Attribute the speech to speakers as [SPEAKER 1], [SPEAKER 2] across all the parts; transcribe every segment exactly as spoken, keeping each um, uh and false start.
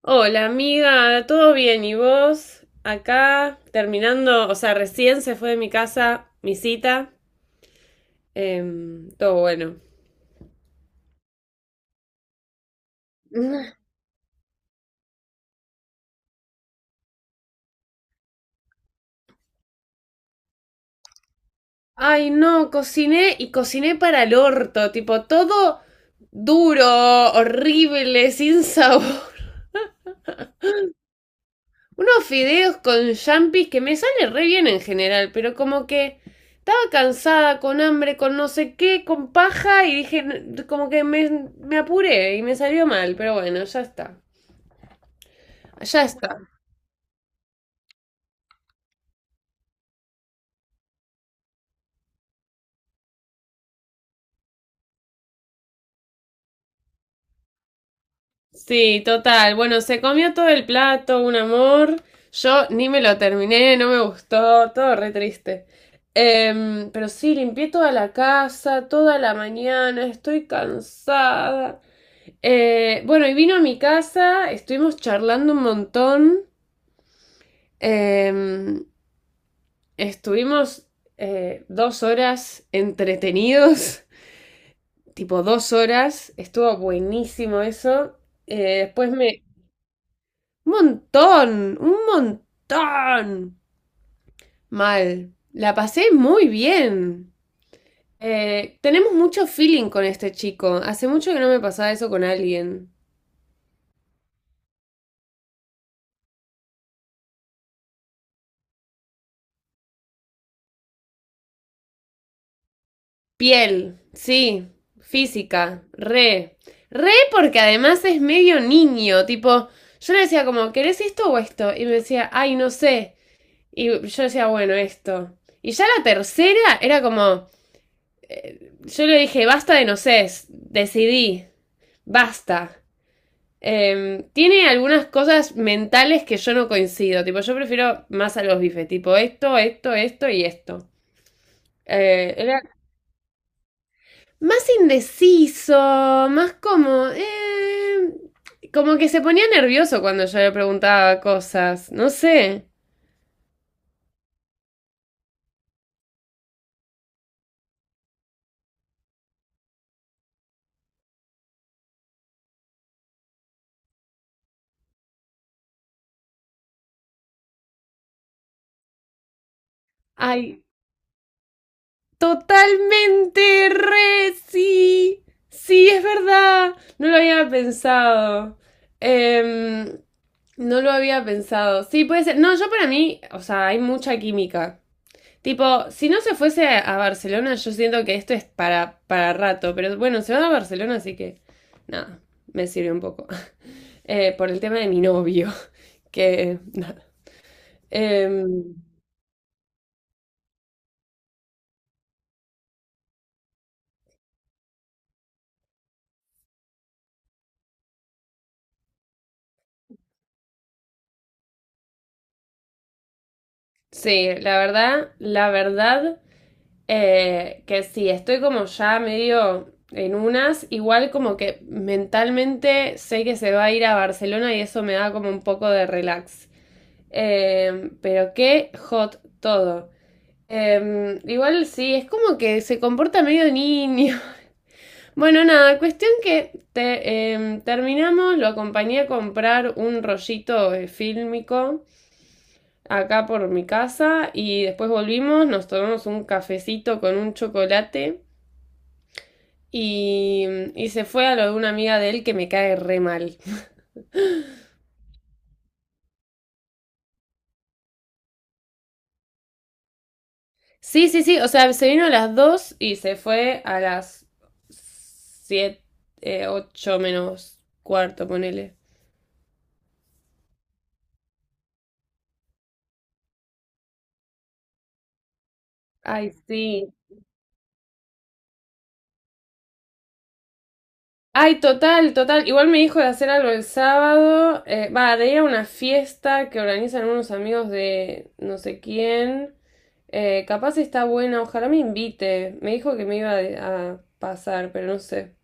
[SPEAKER 1] Hola amiga, ¿todo bien? ¿Y vos? Acá terminando, o sea, recién se fue de mi casa mi cita. Em, todo bueno. Ay, no, cociné y cociné para el orto, tipo todo duro, horrible, sin sabor. Unos fideos con champis que me sale re bien en general, pero como que estaba cansada, con hambre, con no sé qué, con paja y dije, "N- Como que me, me apuré y me salió mal, pero bueno, ya está." Ya está. Sí, total. Bueno, se comió todo el plato, un amor. Yo ni me lo terminé, no me gustó, todo re triste. Em, pero sí, limpié toda la casa, toda la mañana, estoy cansada. Eh, bueno, y vino a mi casa, estuvimos charlando un montón. Em, Estuvimos eh, dos horas entretenidos. Tipo dos horas, estuvo buenísimo eso. Eh, después me, Un montón, un montón. Mal. La pasé muy bien. Eh, tenemos mucho feeling con este chico. Hace mucho que no me pasaba eso con alguien. Piel, sí. Física, re. Re porque además es medio niño, tipo, yo le decía como, "¿Querés esto o esto?". Y me decía, "Ay, no sé". Y yo decía, "Bueno, esto". Y ya la tercera era como, eh, yo le dije, basta de no sé, decidí, basta. Em, tiene algunas cosas mentales que yo no coincido. Tipo, yo prefiero más a los bifes. Tipo, esto, esto, esto y esto. Eh, era más indeciso, más como eh, como que se ponía nervioso cuando yo le preguntaba cosas. No sé. Ay. Totalmente, re, sí. Sí, es verdad. No lo había pensado. Em, no lo había pensado. Sí, puede ser. No, yo para mí, o sea, hay mucha química. Tipo, si no se fuese a Barcelona, yo siento que esto es para, para rato. Pero bueno, se van a Barcelona, así que nada, me sirve un poco. Eh, por el tema de mi novio, que nada. Em, sí, la verdad, la verdad. eh, que sí, estoy como ya medio en unas, igual como que mentalmente sé que se va a ir a Barcelona y eso me da como un poco de relax. Eh, pero qué hot todo. Eh, igual sí, es como que se comporta medio niño. Bueno, nada, cuestión que te, eh, terminamos, lo acompañé a comprar un rollito eh, fílmico acá por mi casa y después volvimos, nos tomamos un cafecito con un chocolate. Y, y se fue a lo de una amiga de él que me cae re mal. Sí, sí, sí, o sea, se vino a las dos y se fue a las siete, ocho menos cuarto, ponele. Ay, sí. Ay, total, total. Igual me dijo de hacer algo el sábado. eh, Va, de ir a una fiesta que organizan unos amigos de no sé quién. Eh, capaz está buena, ojalá me invite. Me dijo que me iba de- a pasar, pero no sé.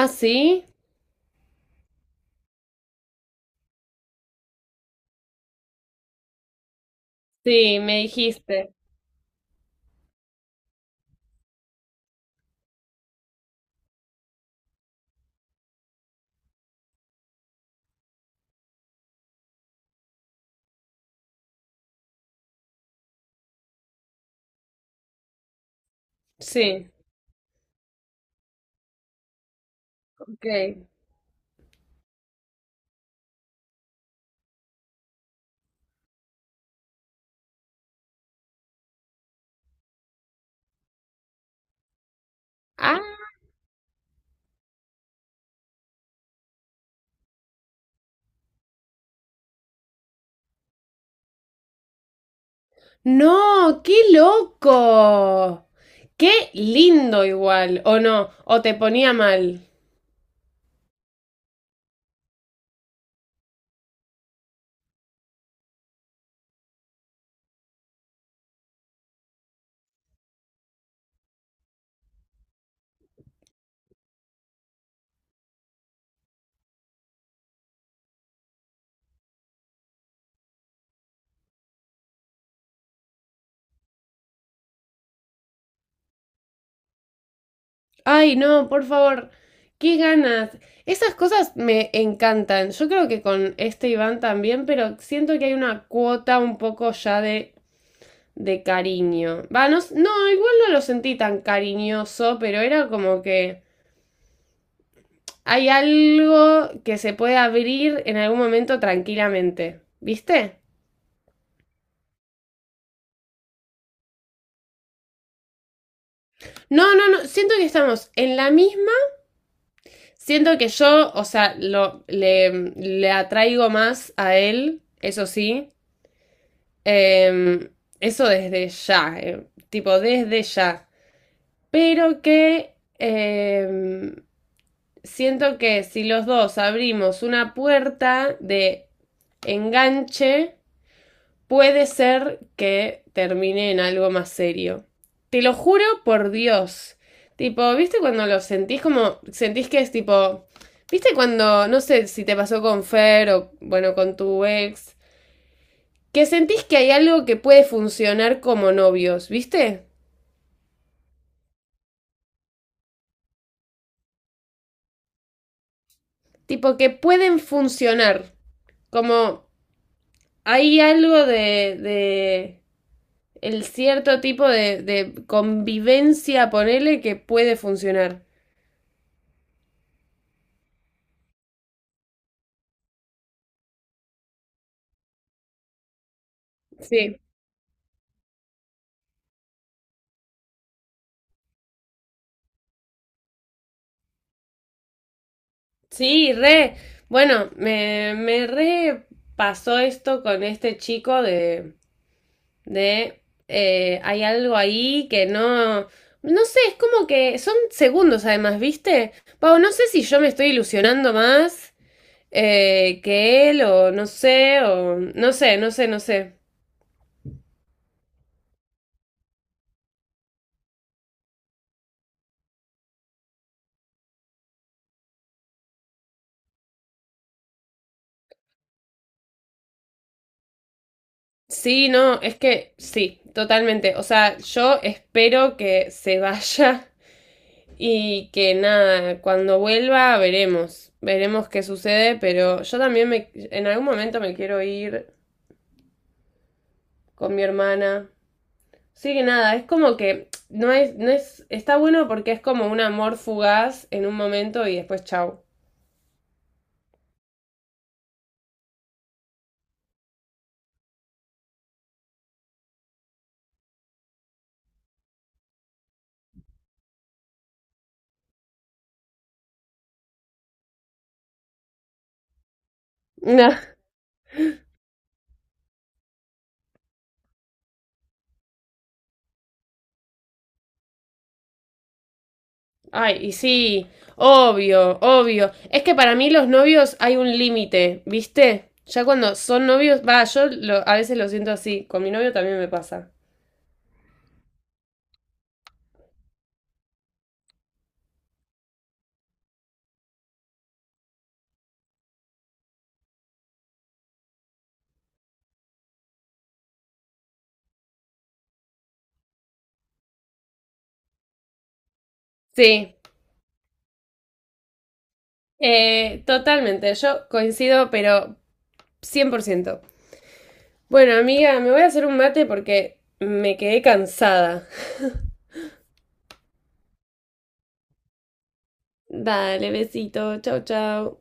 [SPEAKER 1] Ah, sí. Sí, me dijiste. Sí, ok. Ah, no, qué loco. Qué lindo igual, o no, o te ponía mal. Ay, no, por favor, qué ganas. Esas cosas me encantan. Yo creo que con este Iván también, pero siento que hay una cuota un poco ya de, de cariño. Va, no, s- no, igual no lo sentí tan cariñoso, pero era como que hay algo que se puede abrir en algún momento tranquilamente. ¿Viste? No, no, no, siento que estamos en la misma. Siento que yo, o sea, lo, le, le atraigo más a él, eso sí. Em, Eso desde ya, eh, tipo desde ya. Pero que em, siento que si los dos abrimos una puerta de enganche, puede ser que termine en algo más serio. Te lo juro por Dios. Tipo, ¿viste cuando lo sentís como? Sentís que es tipo. ¿Viste cuando, no sé si te pasó con Fer o, bueno, con tu ex, que sentís que hay algo que puede funcionar como novios, ¿viste? Tipo, que pueden funcionar. Como hay algo de, de el cierto tipo de, de convivencia, ponele, que puede funcionar. Sí. Sí, re. Bueno, me, me re pasó esto con este chico de, de eh, hay algo ahí que no, no sé, es como que son segundos además, ¿viste? Pau, no sé si yo me estoy ilusionando más eh, que él o no sé, o no sé, no sé, no sé. Sí, no, es que sí, totalmente. O sea, yo espero que se vaya. Y que nada, cuando vuelva veremos, veremos qué sucede, pero yo también me, en algún momento me quiero ir con mi hermana. Sí, que nada, es como que no es, no es, está bueno porque es como un amor fugaz en un momento y después chau. Nah. Ay, y sí, obvio, obvio. Es que para mí los novios hay un límite, ¿viste? Ya cuando son novios, va, yo lo- a veces lo siento así, con mi novio también me pasa. Sí. Eh, totalmente, yo coincido, pero cien por ciento. Bueno, amiga, me voy a hacer un mate porque me quedé cansada. Dale, besito, chau, chau.